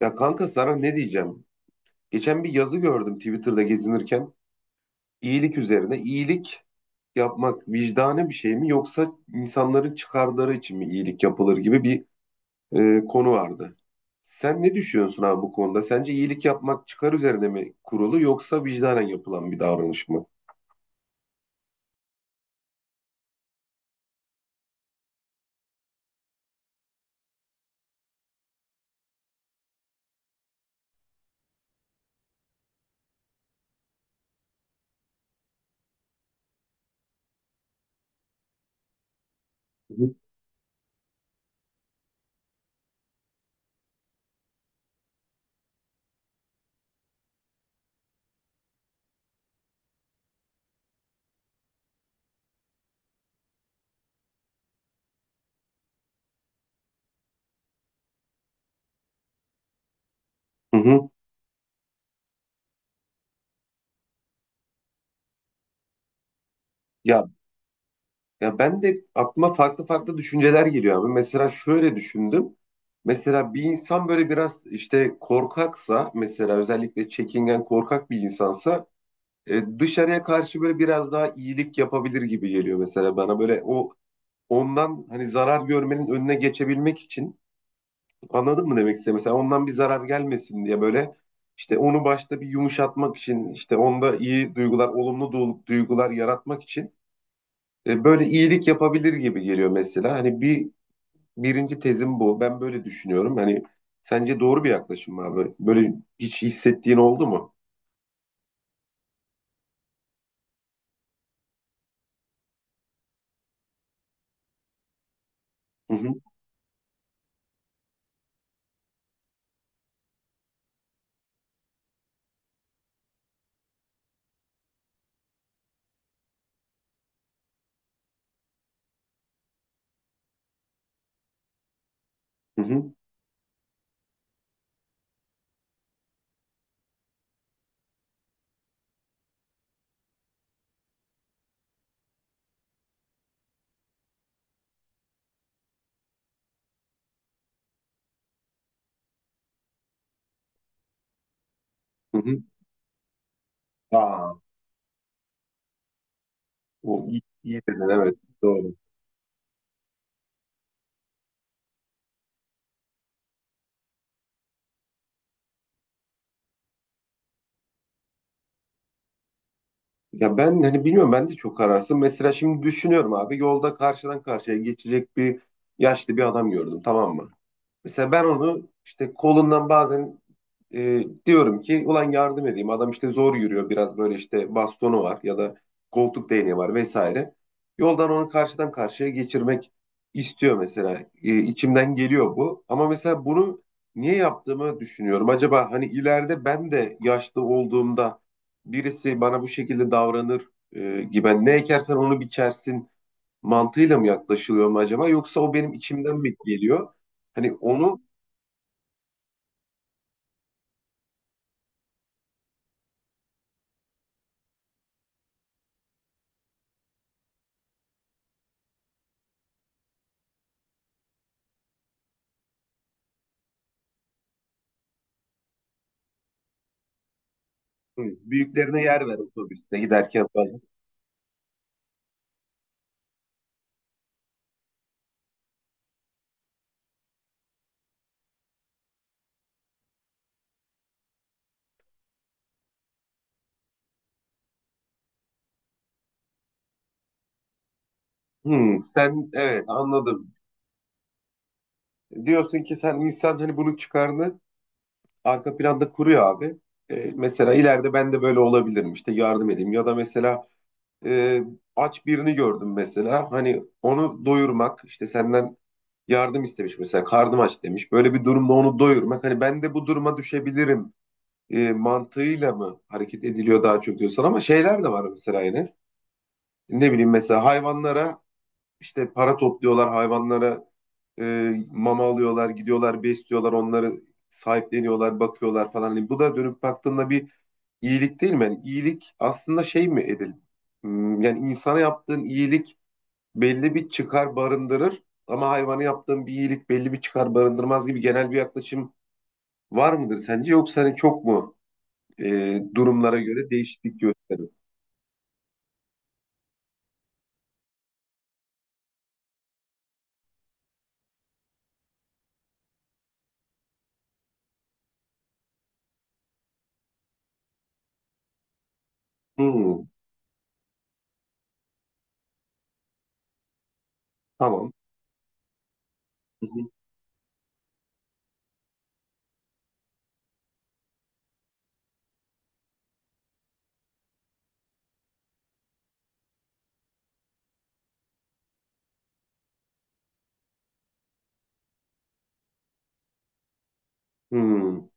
Ya kanka sana ne diyeceğim? Geçen bir yazı gördüm Twitter'da gezinirken. İyilik üzerine iyilik yapmak vicdani bir şey mi yoksa insanların çıkarları için mi iyilik yapılır gibi bir konu vardı. Sen ne düşünüyorsun abi bu konuda? Sence iyilik yapmak çıkar üzerine mi kurulu yoksa vicdanen yapılan bir davranış mı? Hı hı. Hı hı. Ya Ya ben de aklıma farklı farklı düşünceler geliyor abi. Mesela şöyle düşündüm. Mesela bir insan böyle biraz işte korkaksa mesela özellikle çekingen korkak bir insansa dışarıya karşı böyle biraz daha iyilik yapabilir gibi geliyor mesela bana. Böyle ondan hani zarar görmenin önüne geçebilmek için anladın mı demek istedim? Mesela ondan bir zarar gelmesin diye böyle işte onu başta bir yumuşatmak için işte onda iyi duygular, olumlu duygular yaratmak için böyle iyilik yapabilir gibi geliyor mesela. Birinci tezim bu. Ben böyle düşünüyorum. Hani sence doğru bir yaklaşım mı abi? Böyle hiç hissettiğin oldu mu? Hı hı hı hı. Hı hı. Aa, iyi dedin, evet, doğru. Ya ben hani bilmiyorum, ben de çok kararsın. Mesela şimdi düşünüyorum abi, yolda karşıdan karşıya geçecek yaşlı bir adam gördüm, tamam mı? Mesela ben onu işte kolundan bazen diyorum ki ulan yardım edeyim. Adam işte zor yürüyor biraz, böyle işte bastonu var ya da koltuk değneği var vesaire. Yoldan onu karşıdan karşıya geçirmek istiyor mesela. İçimden geliyor bu. Ama mesela bunu niye yaptığımı düşünüyorum. Acaba hani ileride ben de yaşlı olduğumda birisi bana bu şekilde davranır gibi hani ne ekersen onu biçersin mantığıyla mı yaklaşılıyor mu acaba? Yoksa o benim içimden mi geliyor? Hani onu. Hı, büyüklerine yer ver otobüste giderken falan. Hı, sen, evet, anladım. Diyorsun ki sen insan hani bunun çıkarını arka planda kuruyor abi. E, mesela ileride ben de böyle olabilirim işte yardım edeyim. Ya da mesela, e, aç birini gördüm mesela. Hani onu doyurmak işte senden yardım istemiş, mesela karnım aç demiş. Böyle bir durumda onu doyurmak hani ben de bu duruma düşebilirim mantığıyla mı hareket ediliyor daha çok diyorsun, ama şeyler de var mesela Enes. Ne bileyim, mesela hayvanlara. İşte para topluyorlar hayvanlara, mama alıyorlar, gidiyorlar besliyorlar onları, sahipleniyorlar, bakıyorlar falan. Hani bu da dönüp baktığında bir iyilik değil mi? Yani iyilik aslında şey mi edil? Hmm, yani insana yaptığın iyilik belli bir çıkar barındırır ama hayvana yaptığın bir iyilik belli bir çıkar barındırmaz gibi genel bir yaklaşım var mıdır sence? Yoksa hani çok mu durumlara göre değişiklik gösterir? Hmm, tamam. Hı hı. Hmm.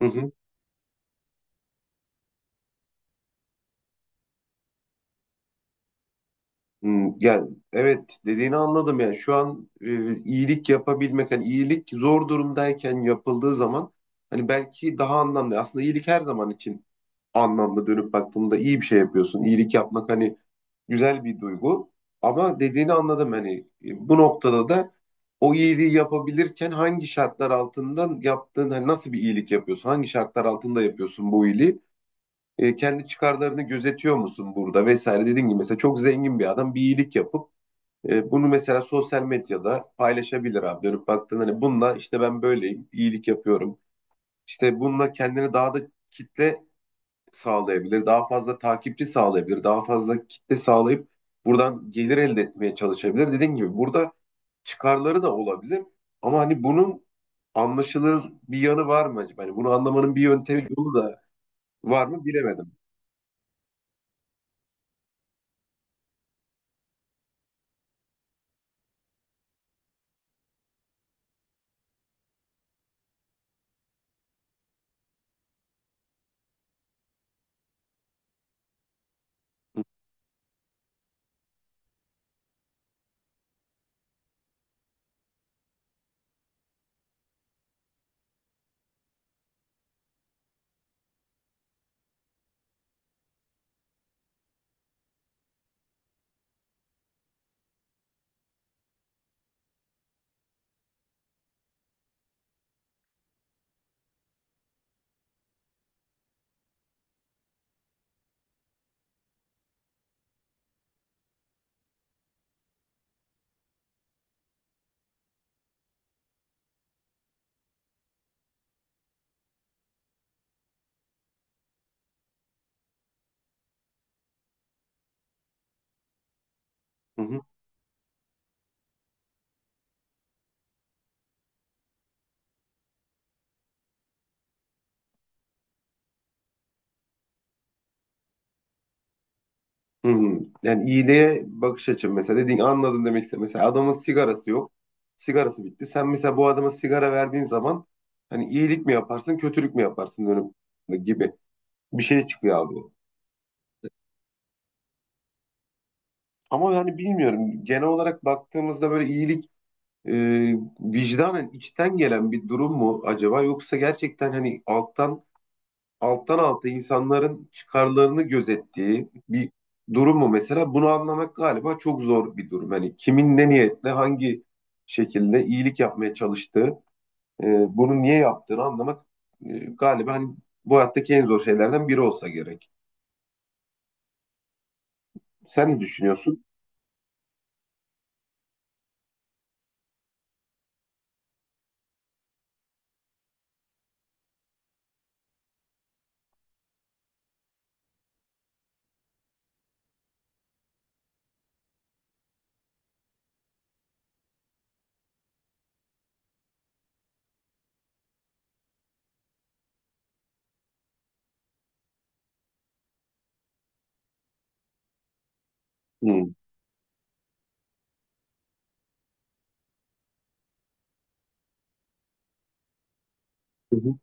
Hı hı. Hmm, yani evet, dediğini anladım, yani şu an iyilik yapabilmek hani iyilik zor durumdayken yapıldığı zaman hani belki daha anlamlı, aslında iyilik her zaman için anlamlı, dönüp baktığında iyi bir şey yapıyorsun, iyilik yapmak hani güzel bir duygu, ama dediğini anladım hani bu noktada da o iyiliği yapabilirken hangi şartlar altında yaptığın, hani nasıl bir iyilik yapıyorsun, hangi şartlar altında yapıyorsun bu iyiliği. E, kendi çıkarlarını gözetiyor musun burada vesaire, dediğin gibi mesela çok zengin bir adam bir iyilik yapıp bunu mesela sosyal medyada paylaşabilir abi. Dönüp baktığında hani bununla işte ben böyleyim, iyilik yapıyorum. İşte bununla kendini daha da kitle sağlayabilir, daha fazla takipçi sağlayabilir, daha fazla kitle sağlayıp buradan gelir elde etmeye çalışabilir. Dediğim gibi burada çıkarları da olabilir ama hani bunun anlaşılır bir yanı var mı acaba? Hani bunu anlamanın bir yöntemi yolu da var mı, bilemedim. Hı hı. Hı hı. Yani iyiliğe bakış açım, mesela dediğin, anladım demek istedim. Mesela adamın sigarası yok. Sigarası bitti. Sen mesela bu adama sigara verdiğin zaman hani iyilik mi yaparsın, kötülük mü yaparsın, dönüp gibi bir şey çıkıyor abi. Ama yani bilmiyorum. Genel olarak baktığımızda böyle iyilik e, vicdanen içten gelen bir durum mu acaba, yoksa gerçekten hani alttan alta insanların çıkarlarını gözettiği bir durum mu mesela? Bunu anlamak galiba çok zor bir durum. Hani kimin ne niyetle hangi şekilde iyilik yapmaya çalıştığı, e, bunu niye yaptığını anlamak galiba hani bu hayattaki en zor şeylerden biri olsa gerek. Sen ne düşünüyorsun? Hı.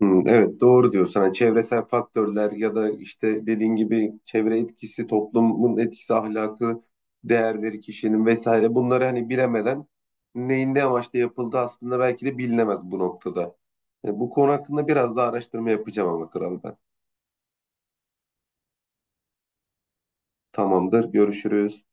Hmm, evet doğru diyorsun. Hani çevresel faktörler ya da işte dediğin gibi çevre etkisi, toplumun etkisi, ahlakı, değerleri kişinin vesaire, bunları hani bilemeden neyin ne amaçla yapıldığı aslında belki de bilinemez bu noktada. E, bu konu hakkında biraz daha araştırma yapacağım ama, kral ben. Tamamdır, görüşürüz.